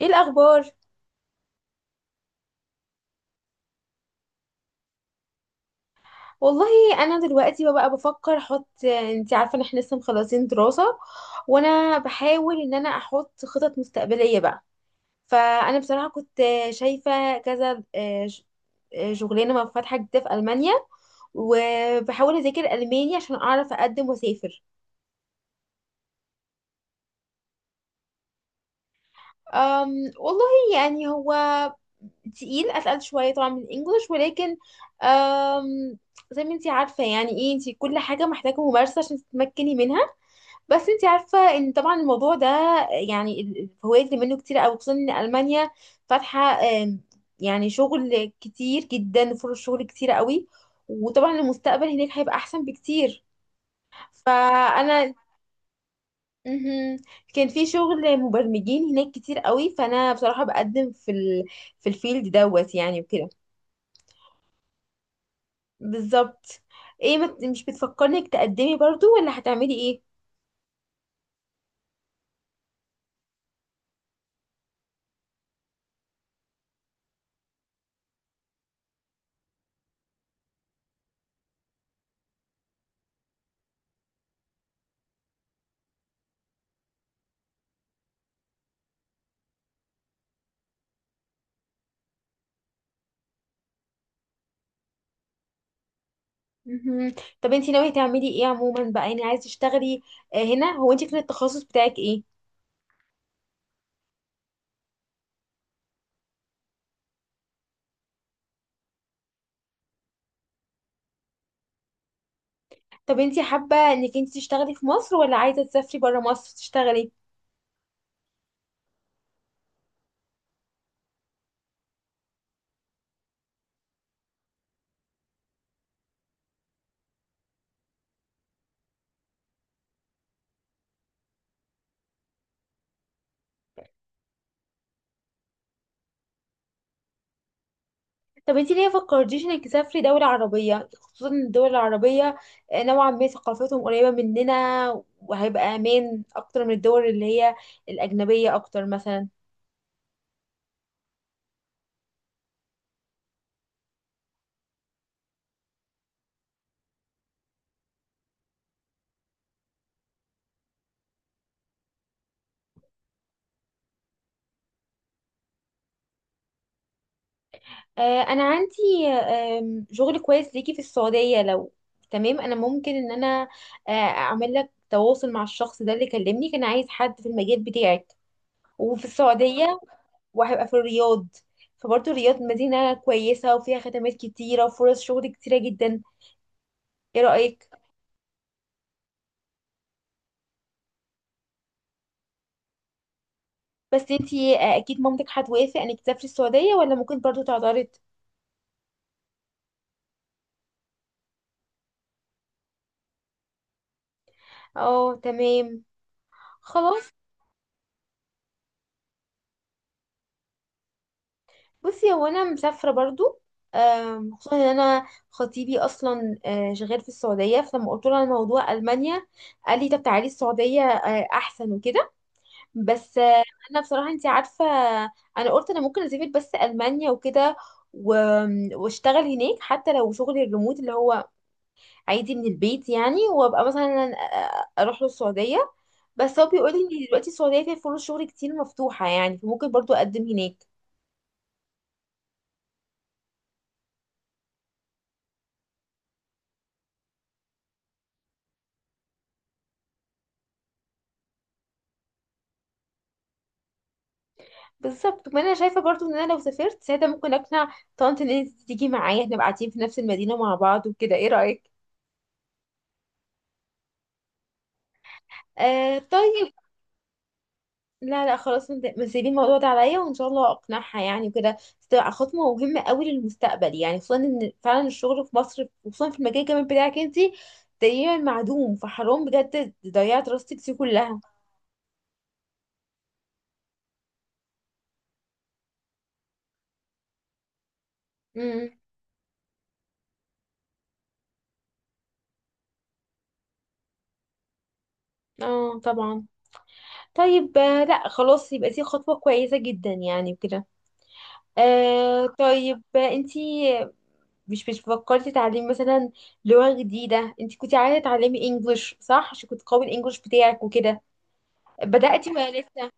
ايه الاخبار؟ والله انا دلوقتي بقى بفكر احط، انت عارفه ان احنا لسه مخلصين دراسه، وانا بحاول ان انا احط خطط مستقبليه بقى. فانا بصراحه كنت شايفه كذا، شغلانه فاتحه جديده في المانيا، وبحاول اذاكر الماني عشان اعرف اقدم واسافر. أم والله يعني هو تقيل، اتقل شويه طبعا من الانجليش، ولكن أم زي ما انت عارفه يعني ايه، انت كل حاجه محتاجه ممارسه عشان تتمكني منها. بس انت عارفة ان طبعا الموضوع ده، يعني الفوائد اللي منه كتير قوي، خصوصا ان المانيا فاتحة، يعني شغل كتير جدا، فرص شغل كتير قوي، وطبعا المستقبل هناك هيبقى احسن بكتير. فانا مهم. كان في شغل مبرمجين هناك كتير قوي، فانا بصراحة بقدم في الفيلد دوت يعني وكده. بالظبط. ايه، مش بتفكرنك تقدمي برضو، ولا هتعملي ايه؟ مهم. طب انتي ناوية تعملي ايه عموما بقى، يعني عايزة تشتغلي؟ هنا، هو انتي كان التخصص بتاعك ايه؟ طب انتي حابة انك انتي تشتغلي في مصر، ولا عايزة تسافري برا مصر تشتغلي؟ طب انتي ليه فكرتيش انك تسافري دولة عربية؟ خصوصا ان الدول العربية نوعا ما ثقافتهم قريبة مننا، وهيبقى امان اكتر من الدول اللي هي الاجنبية اكتر مثلا. انا عندي شغل كويس ليكي في السعوديه، لو تمام انا ممكن ان انا اعمل لك تواصل مع الشخص ده اللي كلمني، كان عايز حد في المجال بتاعك وفي السعوديه، وهيبقى في الرياض. فبرضه الرياض مدينه كويسه، وفيها خدمات كتيره وفرص شغل كتيره جدا. ايه رايك؟ بس انتي اكيد مامتك هتوافق انك تسافري السعوديه، ولا ممكن برضه تعترض؟ اه، تمام. خلاص. بصي، هو انا مسافره برضو، خصوصا ان انا خطيبي اصلا شغال في السعوديه، فلما قلت له على موضوع المانيا قال لي طب تعالي السعوديه احسن وكده. بس انا بصراحه انت عارفه، انا قلت انا ممكن اسافر بس المانيا وكده، واشتغل هناك حتى لو شغل الريموت اللي هو عادي من البيت يعني، وابقى مثلا اروح له السعوديه. بس هو بيقول لي ان دلوقتي السعوديه فيها فرص شغل كتير مفتوحه يعني، فممكن برضو اقدم هناك. بالظبط. ما انا شايفه برضو ان انا لو سافرت ساعتها ممكن اقنع طنط ان انت تيجي معايا، احنا نبقى قاعدين في نفس المدينه مع بعض وكده. ايه رايك؟ آه، طيب. لا، لا، خلاص، انت سيبي الموضوع ده عليا، وان شاء الله اقنعها يعني وكده. بس تبقى خطوه مهمه قوي للمستقبل يعني، خصوصا ان فعلا الشغل في مصر، خصوصا في المجال كمان بتاعك انت، تقريبا معدوم، فحرام بجد ضيعت دراستك دي كلها. امم. اه، طبعا. طيب، لا، خلاص، يبقى دي خطوه كويسه جدا يعني وكده. آه، طيب. انتي مش فكرتي تعليم مثلا لغة جديدة؟ انت كنت عايزة تتعلمي انجلش، صح؟ عشان كنت قوي الانجلش بتاعك وكده. بدأتي ولا لسه؟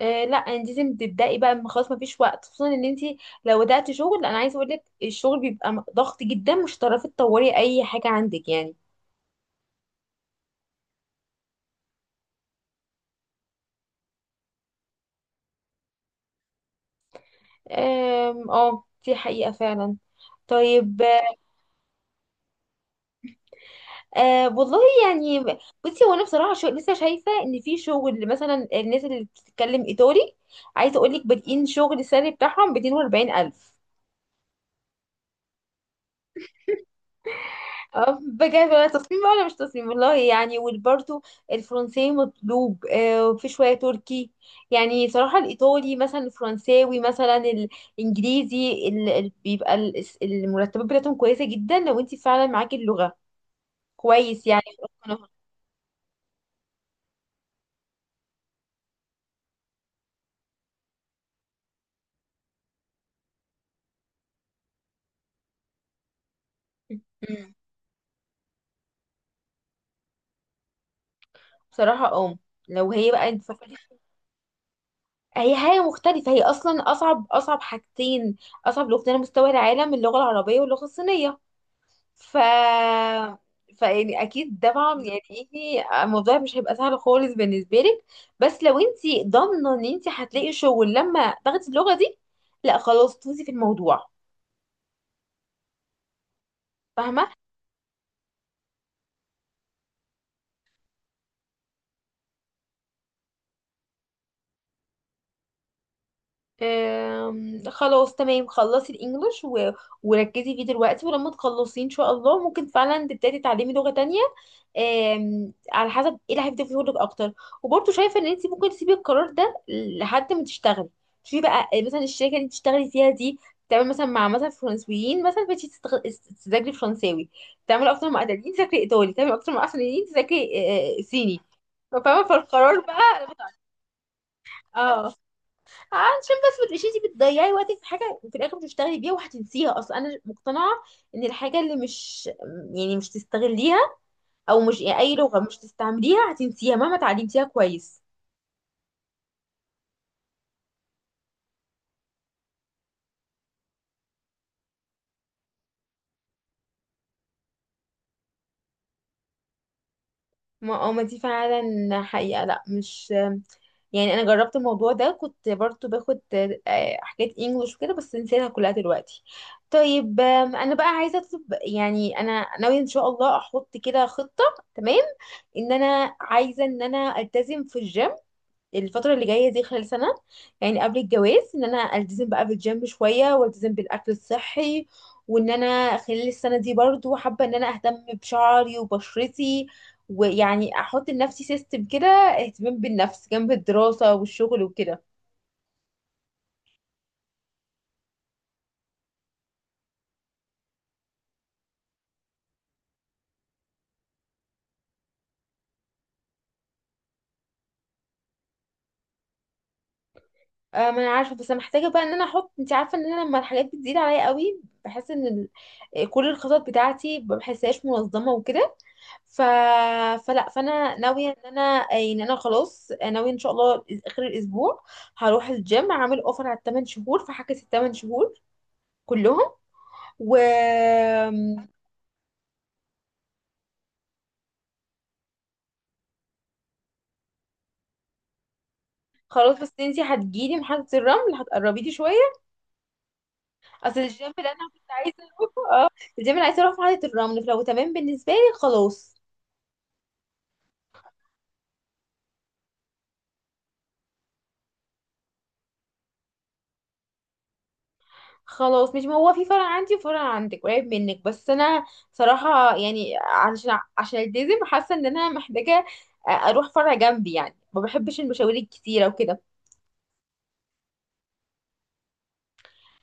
آه، لا، يعني انت لازم تبدأي بقى، ما خلاص مفيش وقت، خصوصا ان انت لو بدأتي شغل، انا عايزة اقول لك الشغل بيبقى ضغط جدا، مش هتعرفي تطوري اي حاجة عندك يعني. اه، دي حقيقة فعلا. طيب. أه، والله يعني بصي، هو انا بصراحه شو لسه شايفه ان في شغل مثلا الناس اللي بتتكلم ايطالي، عايزه اقول لك بادئين شغل السالري بتاعهم ب 240,000. اه، بجد. ولا تصميم بقى ولا مش تصميم والله يعني، وبرده الفرنسي مطلوب، وفي شويه تركي. يعني صراحه الايطالي مثلا، الفرنساوي مثلا، الانجليزي، بيبقى المرتبات بتاعتهم كويسه جدا لو انت فعلا معاكي اللغه كويس يعني. في القناة. بصراحه اه، لو هي بقى انت، هي حاجة مختلفة، هي أصلا أصعب، أصعب حاجتين، أصعب لغتين على مستوى العالم، اللغة العربية واللغة الصينية. ف فيعني أكيد طبعا يعني إيه، الموضوع مش هيبقى سهل خالص بالنسبة لك. بس لو أنت ضامنة إن أنت هتلاقي شغل لما تاخدي اللغة دي، لا خلاص تفوزي في الموضوع. فاهمة. خلاص، تمام، خلصي الانجليش وركزي فيه دلوقتي، ولما تخلصيه ان شاء الله ممكن فعلا تبتدي تعلمي لغة تانية، على حسب ايه اللي هيفيدك شغلك اكتر. وبرضه شايفة ان انت ممكن تسيبي القرار ده لحد ما تشتغلي. شوفي بقى، مثلا الشركة اللي انت تشتغلي فيها دي تعمل مثلا مع مثلا فرنسويين مثلا، بتيجي تذاكري فرنساوي. تعمل اكتر مع ايطاليين تذاكري ايطالي. تعمل اكتر مع اسبانيين تذاكري صيني. فاهمة، فالقرار بقى. اه، عشان بس ما تبقيش انتي بتضيعي وقتك في حاجه في الاخر مش هتشتغلي بيها وهتنسيها اصلا. انا مقتنعه ان الحاجه اللي مش، يعني مش تستغليها، او مش، يعني اي لغه مش تستعمليها، هتنسيها مهما اتعلمتيها كويس. ما اه، ما دي فعلا حقيقه، لا، مش يعني، انا جربت الموضوع ده، كنت برضو باخد حاجات انجلش وكده بس نسيتها كلها دلوقتي. طيب. انا بقى عايزه اطلب، يعني انا ناويه ان شاء الله احط كده خطه، تمام، ان انا عايزه ان انا التزم في الجيم الفترة اللي جاية دي خلال سنة، يعني قبل الجواز ان انا التزم بقى بالجيم شوية، والتزم بالاكل الصحي، وان انا خلال السنة دي برضو حابة ان انا اهتم بشعري وبشرتي، ويعني احط لنفسي سيستم كده اهتمام بالنفس جنب الدراسة والشغل وكده. آه، ما انا عارفة، بس انا محتاجة بقى ان انا احط، انت عارفة ان انا لما الحاجات بتزيد عليا قوي بحس ان كل الخطط بتاعتي ما بحسهاش منظمة وكده. ف... فلا، فانا ناويه ان انا خلاص ناويه ان شاء الله اخر الاسبوع هروح الجيم. عامل اوفر على الثمان شهور، فهحجز الثمان شهور كلهم. و خلاص، بس انتي هتجيلي محطه الرمل هتقربي لي شويه. اصل الجيم اللي انا كنت عايزه اروحه، اه، الجيم اللي عايزه اروحه في محطه الرمل، فلو تمام بالنسبه لي خلاص. خلاص، مش، ما هو في فرع عندي وفرع عندك قريب منك، بس انا صراحة يعني عشان، التزم، حاسة ان انا محتاجة اروح فرع جنبي يعني، ما بحبش المشاوير الكتيرة وكده.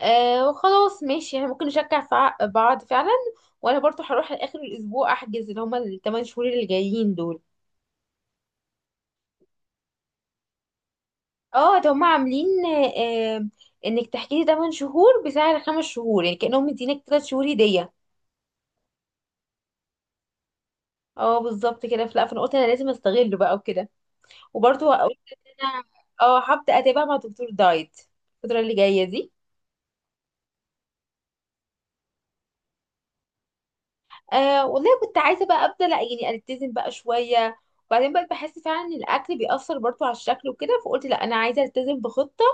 أه، وخلاص ماشي، احنا ممكن نشجع بعض فعلا. وانا برضو هروح لاخر الاسبوع احجز اللي هما الثمان شهور اللي جايين دول. اه، ده هما عاملين أه انك تحجزي 8 شهور بسعر خمس شهور، يعني كأنهم مدينك 3 شهور هدية. اه، بالظبط كده، فلا، فانا قلت انا لازم استغله بقى وكده. وبرضه هقول ان انا اه هبدا اتابع مع دكتور دايت الفتره اللي جايه دي. آه، والله كنت عايزه بقى ابدا، لا يعني التزم بقى شويه، وبعدين بقى بحس فعلا ان الاكل بيأثر برضه على الشكل وكده، فقلت لا، انا عايزه التزم بخطه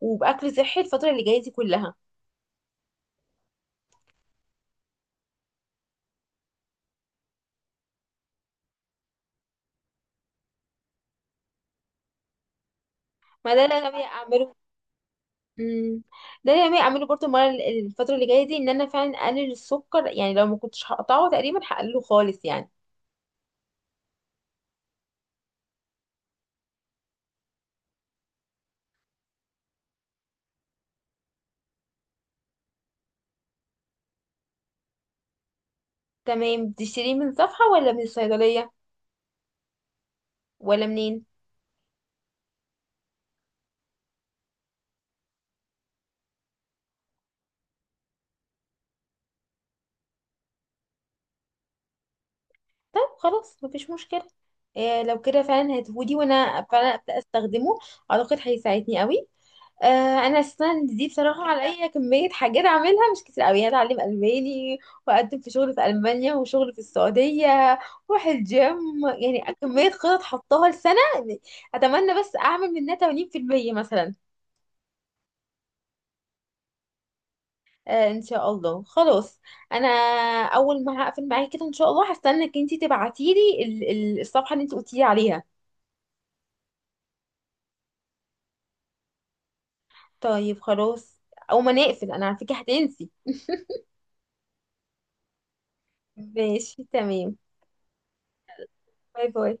وباكل صحي الفتره اللي جايه دي كلها. ما ده اللي انا ناويه اعمله. امم. ده اللي انا ناويه اعمله برضه المره، الفتره اللي جايه دي، ان انا فعلا اقلل السكر، يعني لو ما كنتش هقطعه تقريبا هقلله خالص يعني. تمام، بتشتريه من صفحه ولا من الصيدليه، ولا منين؟ طب، خلاص، مفيش مشكلة. إيه، لو كده فعلا هتفودي، وانا فعلا ابدا استخدمه، اعتقد هيساعدني قوي. آه، انا اساسا دي بصراحه عليا كميه حاجات اعملها مش كتير قوي، هتعلم الماني، واقدم في شغل في المانيا وشغل في السعوديه، واروح الجيم، يعني كميه خطط حطاها لسنه. اتمنى بس اعمل منها 80% مثلا. آه، ان شاء الله. خلاص، انا اول ما هقفل معاكي كده ان شاء الله هستنى انك انتي تبعتيلي الصفحه اللي انت قلتيلي عليها. طيب، خلاص. أول ما نقفل، أنا على فكرة هتنسي. ماشي، تمام. باي، باي.